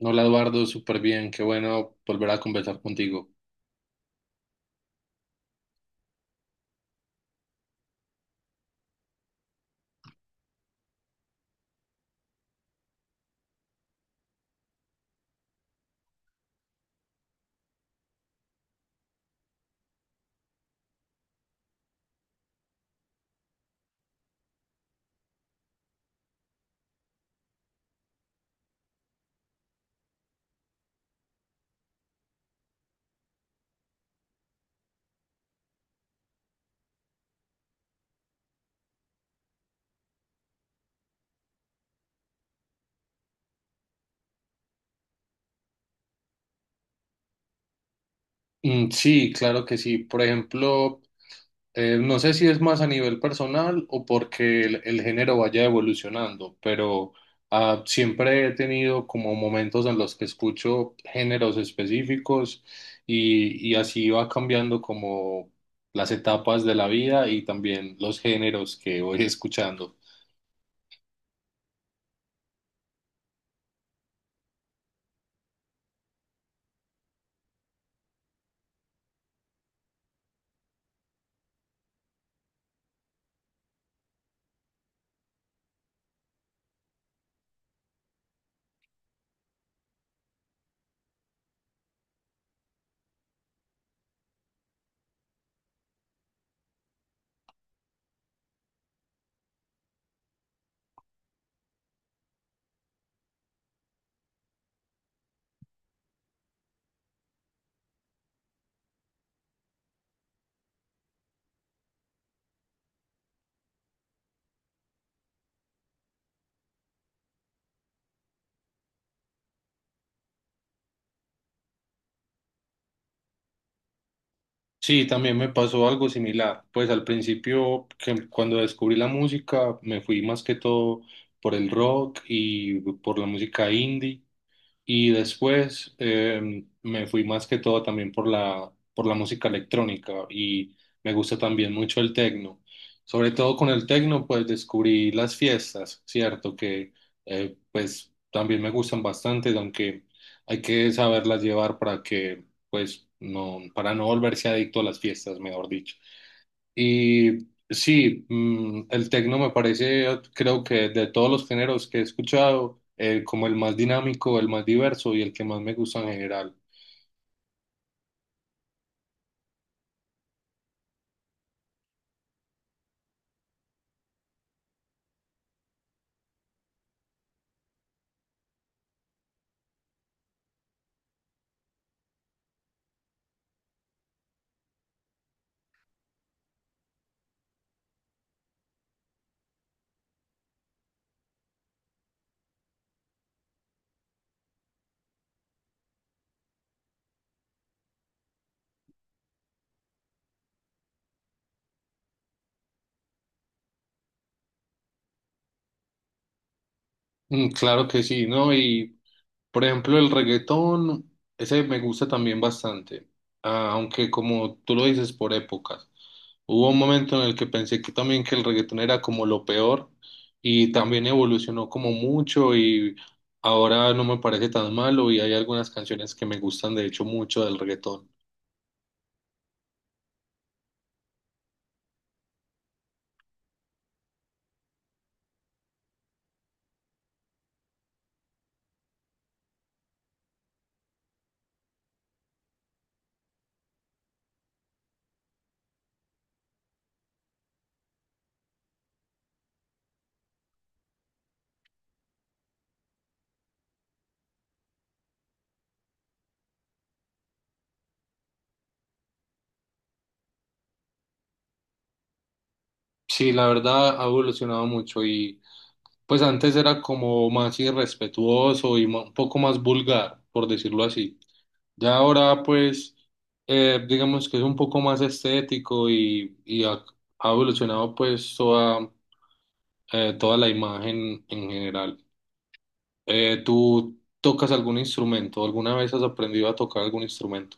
Hola Eduardo, súper bien, qué bueno volver a conversar contigo. Mm, sí, claro que sí. Por ejemplo, no sé si es más a nivel personal o porque el género vaya evolucionando, pero siempre he tenido como momentos en los que escucho géneros específicos y así va cambiando como las etapas de la vida y también los géneros que voy escuchando. Sí, también me pasó algo similar. Pues al principio, que cuando descubrí la música, me fui más que todo por el rock y por la música indie. Y después me fui más que todo también por la música electrónica y me gusta también mucho el tecno. Sobre todo con el tecno, pues descubrí las fiestas, ¿cierto? Que pues también me gustan bastante, aunque hay que saberlas llevar para que, pues, no, para no volverse adicto a las fiestas, mejor dicho. Y sí, el tecno me parece, creo que de todos los géneros que he escuchado, como el más dinámico, el más diverso y el que más me gusta en general. Mm, claro que sí, ¿no? Y por ejemplo, el reggaetón, ese me gusta también bastante, aunque como tú lo dices, por épocas. Hubo un momento en el que pensé que también que el reggaetón era como lo peor y también evolucionó como mucho y ahora no me parece tan malo y hay algunas canciones que me gustan de hecho mucho del reggaetón. Sí, la verdad ha evolucionado mucho y pues antes era como más irrespetuoso y un poco más vulgar, por decirlo así. Ya ahora pues digamos que es un poco más estético y ha evolucionado pues toda, toda la imagen en general. ¿Tú tocas algún instrumento? ¿Alguna vez has aprendido a tocar algún instrumento?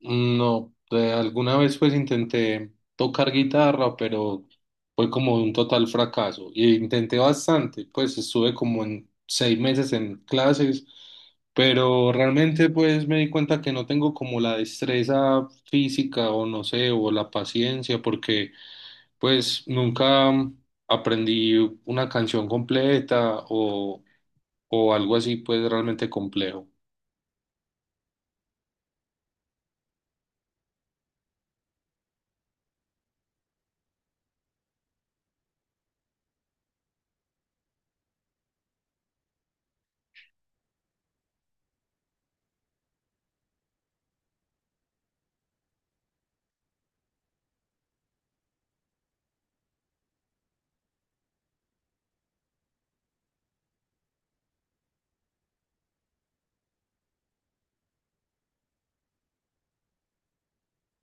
Mm, no, alguna vez pues intenté tocar guitarra, pero fue como un total fracaso. Y intenté bastante, pues estuve como en 6 meses en clases, pero realmente pues me di cuenta que no tengo como la destreza física o no sé, o la paciencia, porque pues nunca aprendí una canción completa o algo así, pues realmente complejo.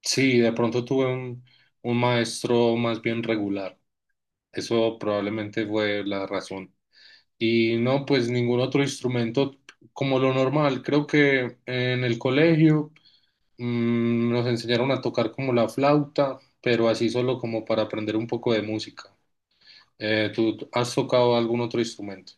Sí, de pronto tuve un maestro más bien regular. Eso probablemente fue la razón. Y no, pues ningún otro instrumento como lo normal. Creo que en el colegio nos enseñaron a tocar como la flauta, pero así solo como para aprender un poco de música. ¿Tú has tocado algún otro instrumento?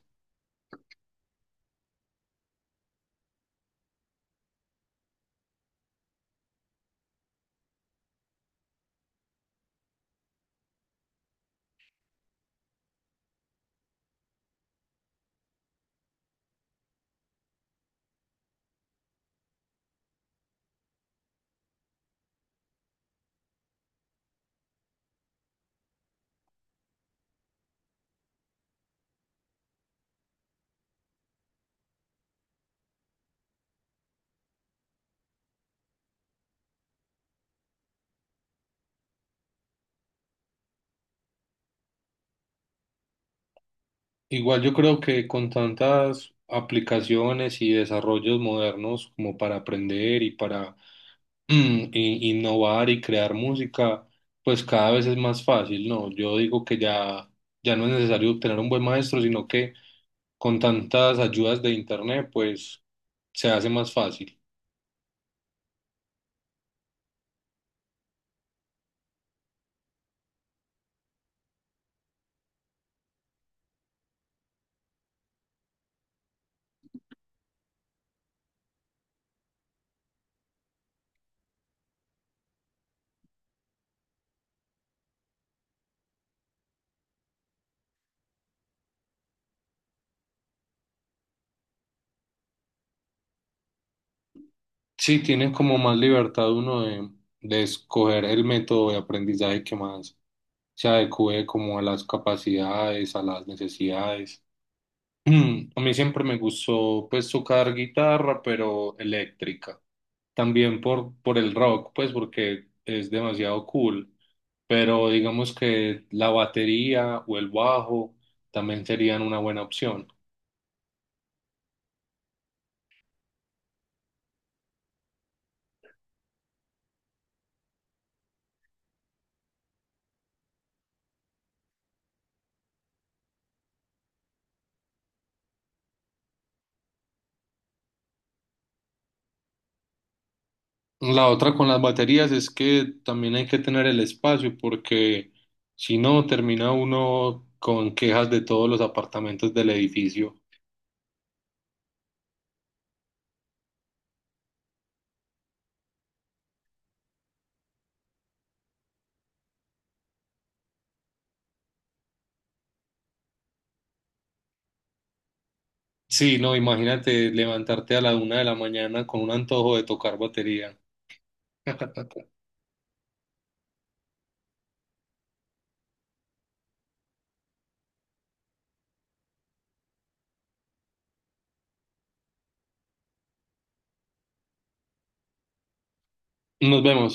Igual yo creo que con tantas aplicaciones y desarrollos modernos como para aprender y para innovar y crear música, pues cada vez es más fácil, ¿no? Yo digo que ya no es necesario tener un buen maestro, sino que con tantas ayudas de internet, pues se hace más fácil. Sí, tiene como más libertad uno de escoger el método de aprendizaje que más se adecue como a las capacidades, a las necesidades. A mí siempre me gustó pues tocar guitarra, pero eléctrica, también por el rock, pues porque es demasiado cool, pero digamos que la batería o el bajo también serían una buena opción. La otra con las baterías es que también hay que tener el espacio porque si no termina uno con quejas de todos los apartamentos del edificio. Sí, no, imagínate levantarte a la una de la mañana con un antojo de tocar batería. Nos vemos.